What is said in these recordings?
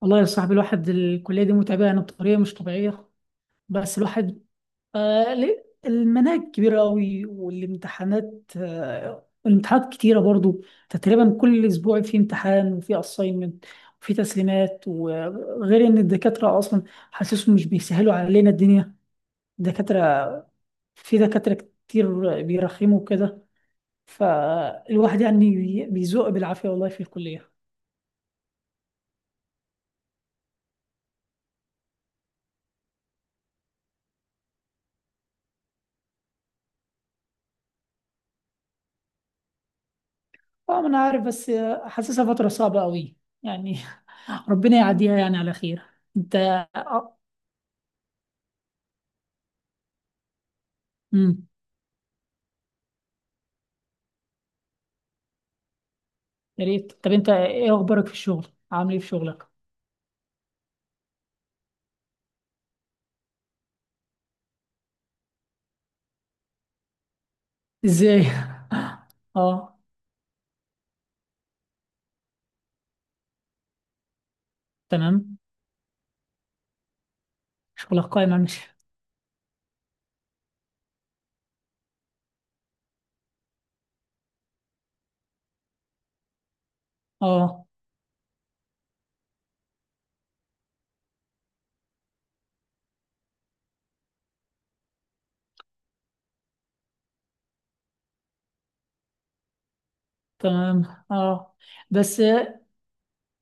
والله يا صاحبي، الواحد الكلية دي متعبة يعني بطريقة مش طبيعية. بس الواحد، ليه المناهج كبيرة قوي، والامتحانات آه الامتحانات كتيرة برضو. تقريبا كل أسبوع في امتحان وفي أساينمنت وفي تسليمات. وغير إن الدكاترة أصلا حاسسهم مش بيسهلوا علينا الدنيا. الدكاترة في دكاترة كتير بيرخموا كده، فالواحد يعني بيزوق بالعافية والله في الكلية. طبعا أنا عارف، بس حاسسها فترة صعبة قوي يعني ربنا يعديها يعني على خير. انت آه، امم يا ريت. طب انت ايه اخبارك في الشغل؟ عامل ايه في شغلك؟ ازاي؟ اه، تمام. شغلك قائم مش؟ اه، تمام. اه. بس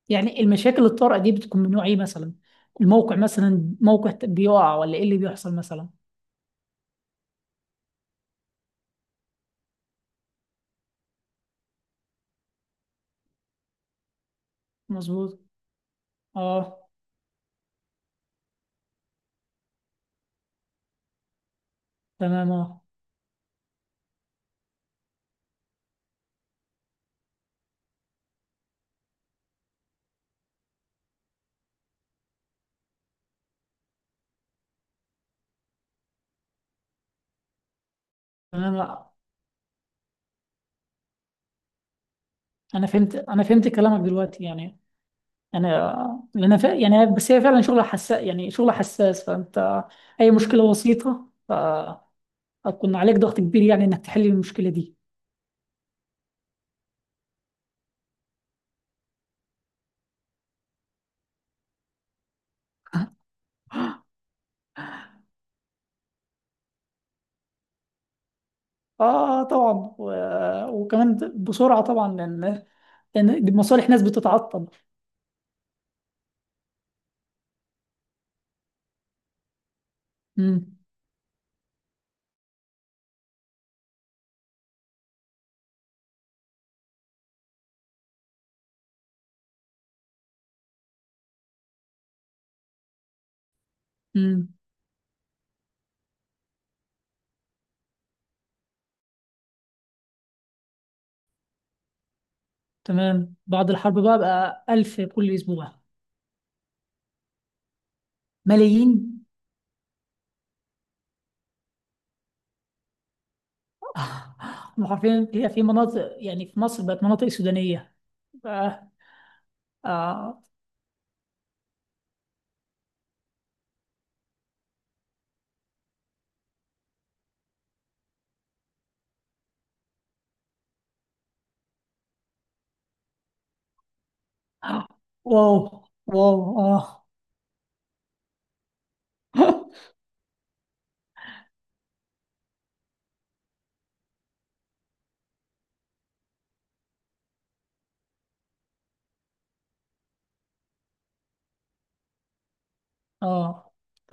يعني المشاكل الطارئة دي بتكون من نوع ايه مثلا؟ الموقع مثلا موقع بيقع، ولا ايه اللي بيحصل مثلا؟ مظبوط. اه، تمام. اه، تمام. آه. انا فهمت كلامك دلوقتي. يعني لأن يعني بس هي فعلا شغلة حساس، يعني شغلة حساس، فأنت أي مشكلة بسيطة فهتكون عليك ضغط كبير يعني، إنك تحل المشكلة دي. آه، آه، طبعا. و... وكمان بسرعة طبعا، لأن دي مصالح ناس بتتعطل. امم امم، تمام. بعد الحرب بقى ألف كل أسبوع. ملايين. آه، هم حرفيا في مناطق، يعني في مصر بقت مناطق سودانية. آه. آه. آه. واو، واو، آه. اه. ف...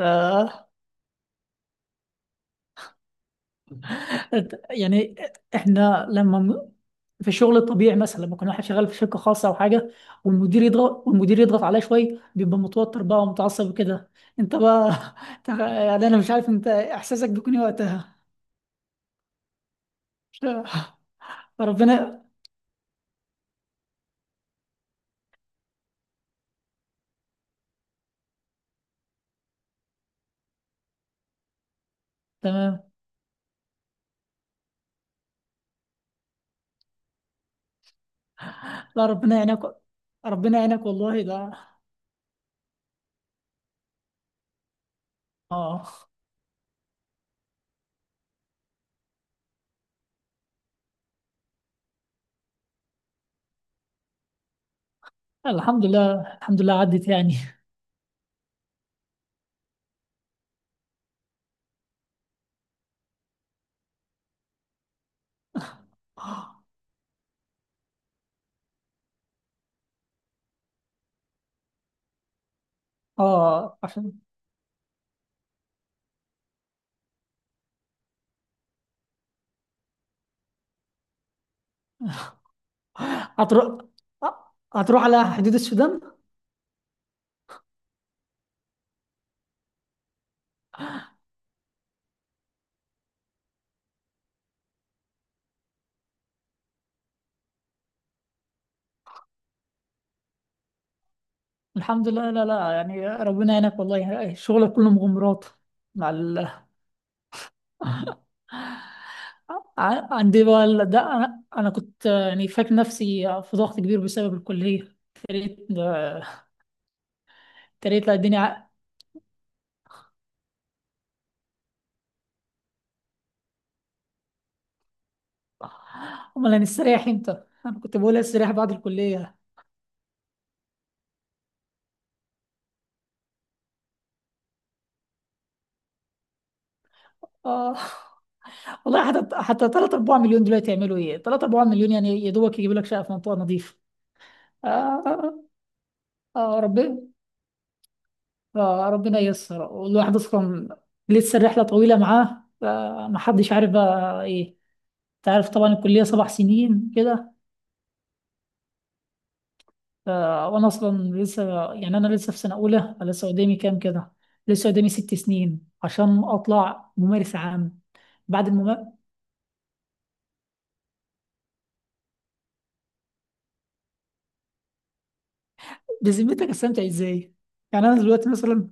يعني احنا لما م- في الشغل الطبيعي، مثلا لما يكون واحد شغال في شركه خاصه او حاجه، والمدير يضغط عليه شويه، بيبقى متوتر بقى ومتعصب وكده. انت بقى يعني انا مش عارف انت احساسك بيكون إيه وقتها. مش- ربنا. تمام. لا، ربنا يعينك. ربنا يعينك والله ده. اه، الحمد لله، الحمد لله عدت يعني. اه، عشان هتروح هتروح على حدود السودان. الحمد لله. لا، لا، يعني ربنا يعينك والله، شغلك كله مغامرات. مع ال... عندي بقى ده انا كنت يعني فاكر نفسي في ضغط كبير بسبب الكليه. تريت، تريت، لا الدنيا امال هنستريح امتى؟ انا كنت بقول استريح بعد الكليه. اه، والله حتى 3 4 مليون دلوقتي يعملوا ايه؟ 3 4 مليون يعني يا دوبك يجيبوا لك شقه في منطقه نظيفه. آه ربنا. ربنا ييسر. والواحد اصلا لسه الرحله طويله معاه، ما حدش عارف بقى إيه. انت عارف طبعا الكلية 7 سنين كده. ف- وانا اصلا لسه يعني انا لسه في سنة اولى، لسه قدامي كام كده. لسه قدامي 6 سنين عشان اطلع ممارس عام، بعد الممارس. بذمتك استمتع ازاي؟ يعني انا دلوقتي مثلا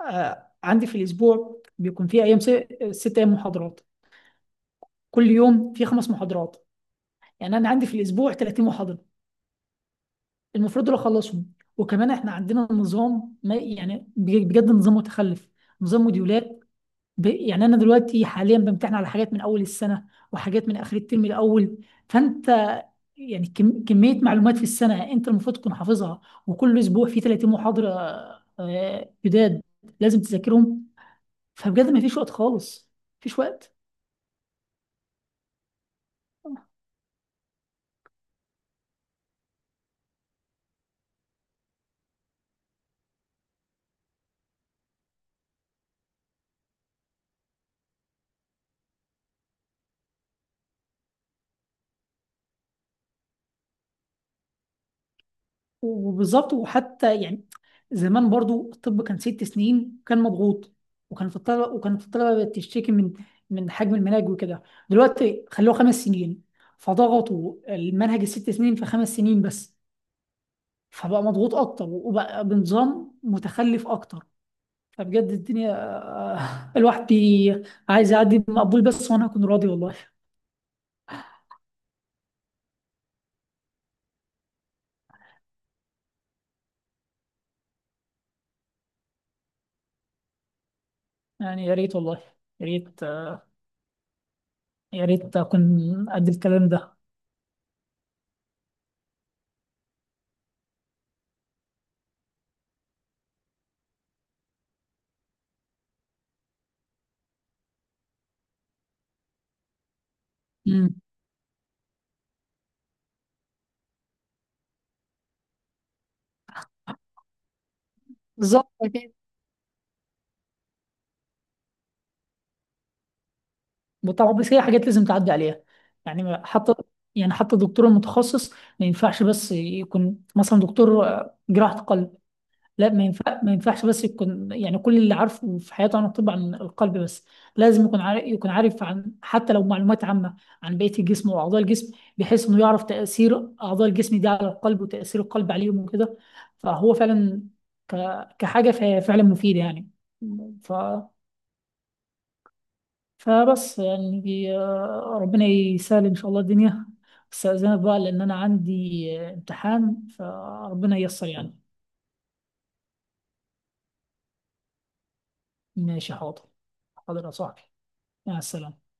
عندي في الاسبوع بيكون في ايام، 6 ايام محاضرات، كل يوم في 5 محاضرات. يعني انا عندي في الاسبوع 30 محاضرة المفروض دول اخلصهم. وكمان احنا عندنا نظام، ما يعني بجد نظام متخلف، نظام موديولات. يعني انا دلوقتي حاليا بمتحن على حاجات من اول السنه وحاجات من اخر الترم الاول. فانت يعني كميه معلومات في السنه انت المفروض تكون حافظها، وكل اسبوع في 30 محاضره جداد لازم تذاكرهم. فبجد ما فيش وقت خالص، مفيش وقت. وبالظبط. وحتى يعني زمان برضو الطب كان 6 سنين وكان مضغوط، وكان في الطلبة بتشتكي من حجم المناهج وكده. دلوقتي خلوه 5 سنين، فضغطوا المنهج الست سنين في 5 سنين بس، فبقى مضغوط أكتر وبقى بنظام متخلف أكتر. فبجد الدنيا الواحد عايز يعدي مقبول بس وأنا أكون راضي والله. يعني يا ريت والله، يا ريت، يا ريت أكون قد الكلام ده. مم. بالظبط. طبعا، بس هي حاجات لازم تعدي عليها. يعني حتى يعني حتى الدكتور المتخصص ما ينفعش بس يكون مثلا دكتور جراحة قلب. لا، ما ينفعش بس يكون يعني كل اللي عارفه في حياته عن الطب، عن القلب بس. لازم يكون عارف عن حتى لو معلومات عامة عن بقية الجسم وأعضاء الجسم، بحيث إنه يعرف تأثير أعضاء الجسم دي على القلب وتأثير القلب عليهم وكده. فهو فعلا كحاجة، فهي فعلا مفيدة يعني. ف فبس يعني ربنا يسهل إن شاء الله الدنيا. استأذنك بقى لأن أنا عندي امتحان، فربنا ييسر يعني. ماشي، حاضر. حاضر يا صاحبي، مع السلامة.